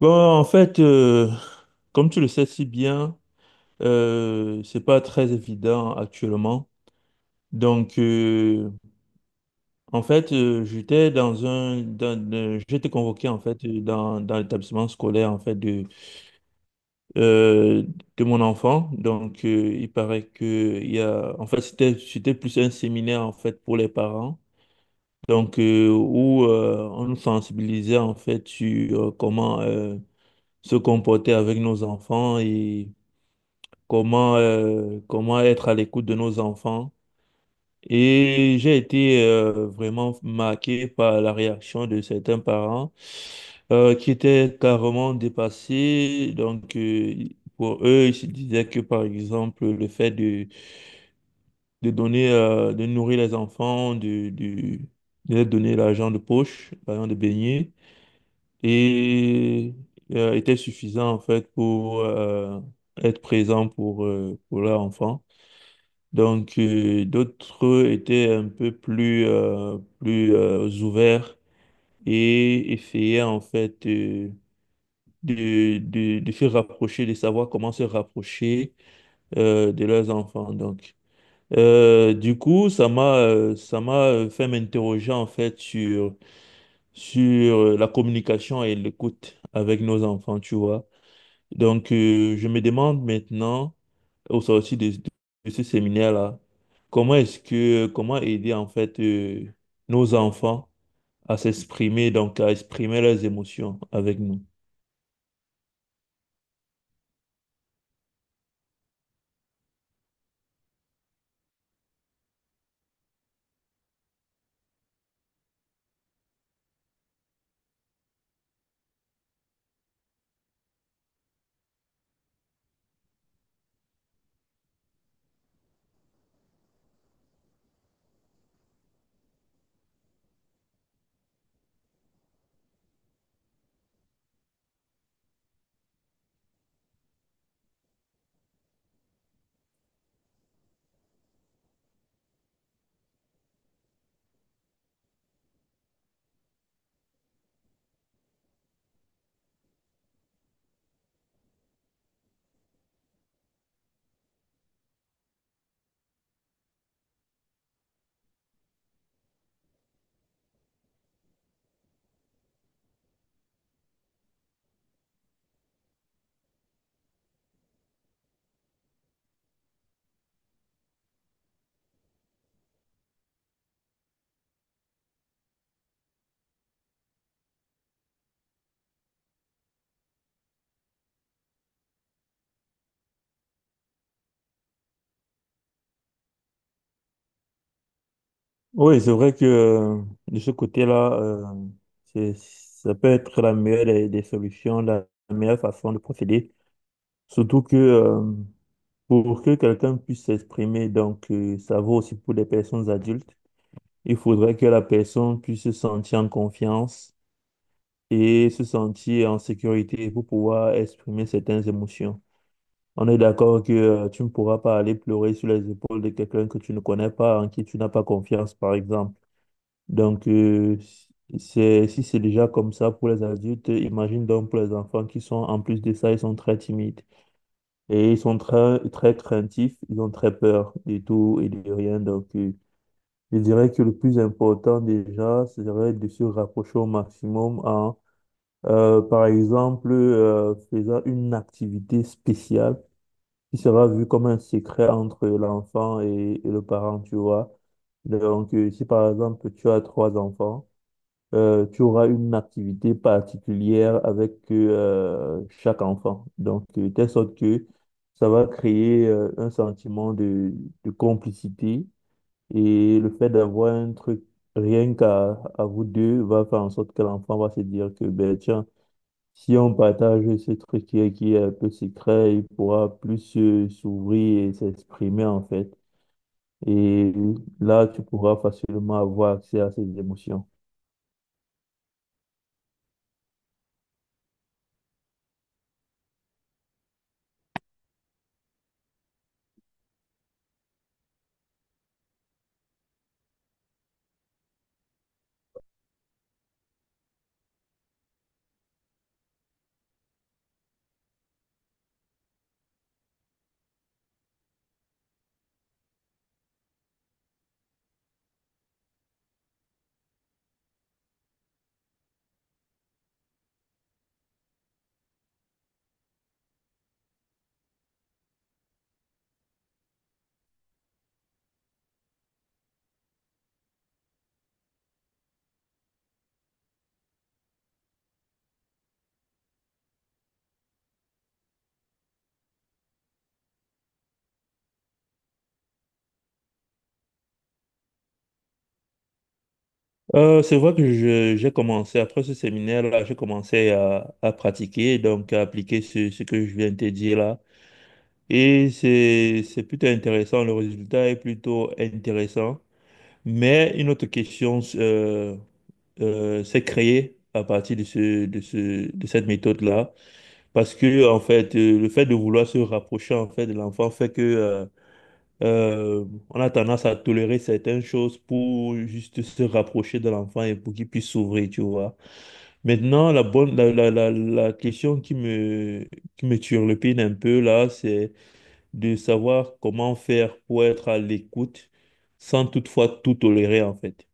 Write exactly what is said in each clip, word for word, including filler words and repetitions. Bon, en fait, euh, comme tu le sais si bien, euh, c'est pas très évident actuellement. Donc, euh, en fait, euh, j'étais dans un, dans, euh, j'ai été convoqué en fait euh, dans, dans l'établissement scolaire en fait de euh, de mon enfant. Donc, euh, il paraît que il y a, en fait, c'était c'était plus un séminaire en fait pour les parents. Donc, euh, où euh, on nous sensibilisait en fait sur euh, comment euh, se comporter avec nos enfants et comment, euh, comment être à l'écoute de nos enfants. Et j'ai été euh, vraiment marqué par la réaction de certains parents euh, qui étaient carrément dépassés. Donc, euh, pour eux, ils se disaient que, par exemple, le fait de, de donner, euh, de nourrir les enfants, de, de, de leur donner l'argent de poche, l'argent de beignet, et, euh, était suffisant, en fait, pour euh, être présent pour, euh, pour leur enfant. Donc, euh, d'autres étaient un peu plus, euh, plus euh, ouverts et essayaient en fait euh, de, de, de se rapprocher, de savoir comment se rapprocher euh, de leurs enfants. Donc, Euh, du coup, ça m'a euh, ça m'a euh, fait m'interroger en fait sur, sur euh, la communication et l'écoute avec nos enfants, tu vois. Donc, euh, je me demande maintenant, au sortir de, de ce séminaire-là, comment est-ce que, comment aider en fait euh, nos enfants à s'exprimer, donc à exprimer leurs émotions avec nous? Oui, c'est vrai que euh, de ce côté-là, euh, c'est- ça peut être la meilleure des, des solutions, la meilleure façon de procéder. Surtout que euh, pour que quelqu'un puisse s'exprimer, donc euh, ça vaut aussi pour les personnes adultes. Il faudrait que la personne puisse se sentir en confiance et se sentir en sécurité pour pouvoir exprimer certaines émotions. On est d'accord que euh, tu ne pourras pas aller pleurer sur les épaules de quelqu'un que tu ne connais pas, en qui tu n'as pas confiance, par exemple. Donc, euh, c'est, si c'est déjà comme ça pour les adultes, imagine donc pour les enfants qui sont, en plus de ça, ils sont très timides et ils sont très, très craintifs, ils ont très peur de tout et de rien. Donc, euh, je dirais que le plus important déjà serait de se rapprocher au maximum en, euh, par exemple, euh, faisant une activité spéciale qui sera vue comme un secret entre l'enfant et, et le parent, tu vois. Donc, euh, si par exemple tu as trois enfants, euh, tu auras une activité particulière avec euh, chaque enfant. Donc, euh, de telle sorte que ça va créer euh, un sentiment de, de complicité et le fait d'avoir un truc rien qu'à à vous deux va faire en sorte que l'enfant va se dire que, ben tiens, si on partage ce truc qui est, qui est un peu secret, il pourra plus euh, s'ouvrir et s'exprimer en fait. Et là, tu pourras facilement avoir accès à ses émotions. Euh, c'est vrai que je- j'ai commencé, après ce séminaire-là, j'ai commencé à, à pratiquer, donc à appliquer ce, ce que je viens de te dire là. Et c'est, c'est plutôt intéressant, le résultat est plutôt intéressant. Mais une autre question euh, euh, s'est créée à partir de ce, de ce, de cette méthode-là, parce que en fait, euh, le fait de vouloir se rapprocher en fait de l'enfant fait que euh, euh, on a tendance à tolérer certaines choses pour juste se rapprocher de l'enfant et pour qu'il puisse s'ouvrir, tu vois. Maintenant, la bonne, la, la, la, la question qui me, qui me turlupine un peu là, c'est de savoir comment faire pour être à l'écoute sans toutefois tout tolérer en fait.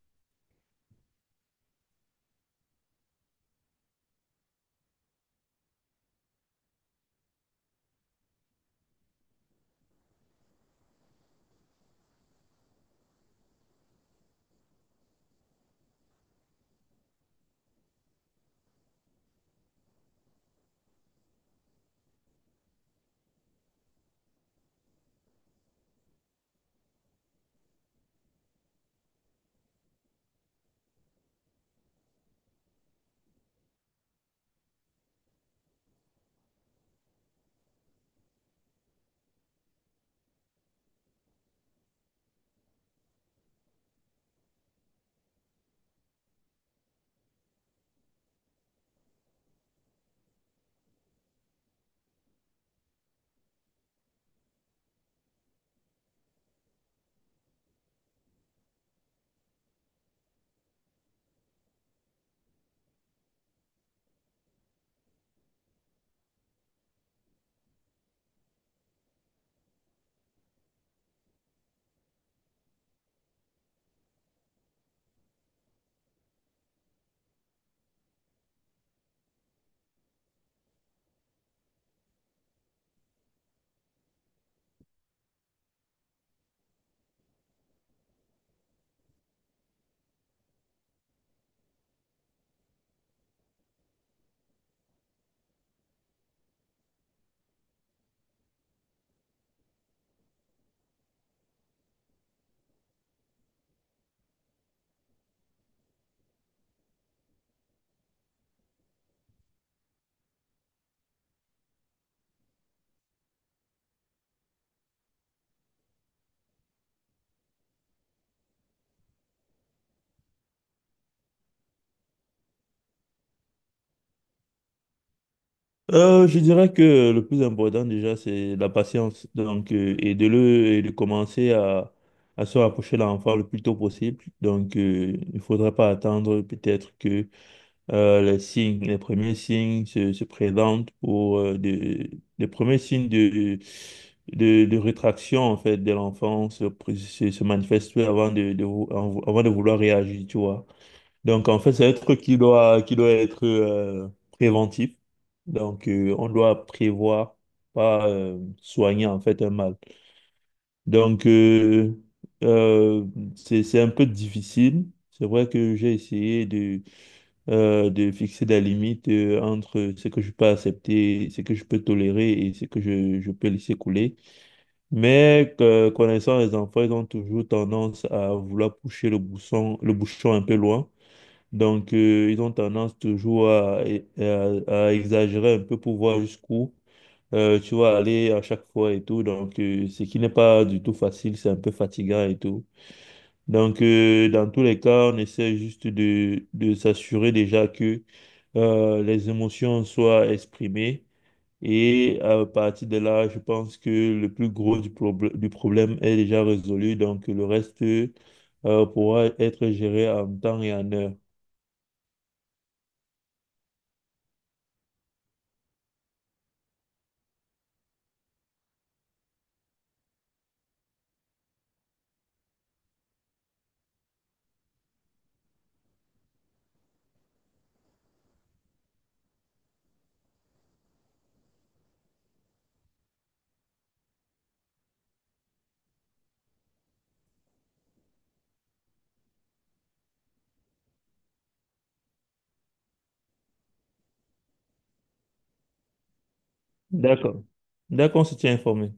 Euh, je dirais que le plus important déjà, c'est la patience. Donc, euh, et de le et de commencer à, à se rapprocher de l'enfant le plus tôt possible. Donc, euh, il ne faudrait pas attendre peut-être que euh, les signes, les premiers signes se, se présentent pour euh, de- les premiers signes de, de, de rétraction en fait de l'enfant se, pré- se, se manifestent avant de, de vou- avant de vouloir réagir, tu vois. Donc, en fait, c'est un truc qui doit, qui doit être euh, préventif. Donc, euh, on doit prévoir, pas euh, soigner en fait un mal. Donc, euh, euh, c'est, c'est un peu difficile. C'est vrai que j'ai essayé de, euh, de fixer des limites euh, entre ce que je peux accepter, ce que je peux tolérer et ce que je, je peux laisser couler. Mais euh, connaissant les enfants, ils ont toujours tendance à vouloir pousser le bouchon, le bouchon un peu loin. Donc, euh, ils ont tendance toujours à, à- à exagérer un peu pour voir jusqu'où euh, tu vas aller à chaque fois et tout. Donc, euh, ce qui n'est pas du tout facile, c'est un peu fatigant et tout. Donc, euh, dans tous les cas, on essaie juste de, de s'assurer déjà que euh, les émotions soient exprimées. Et à partir de là, je pense que le plus gros du, probl- du problème est déjà résolu. Donc, le reste euh, pourra être géré en temps et en heure. D'accord. D'accord, on se tient informé.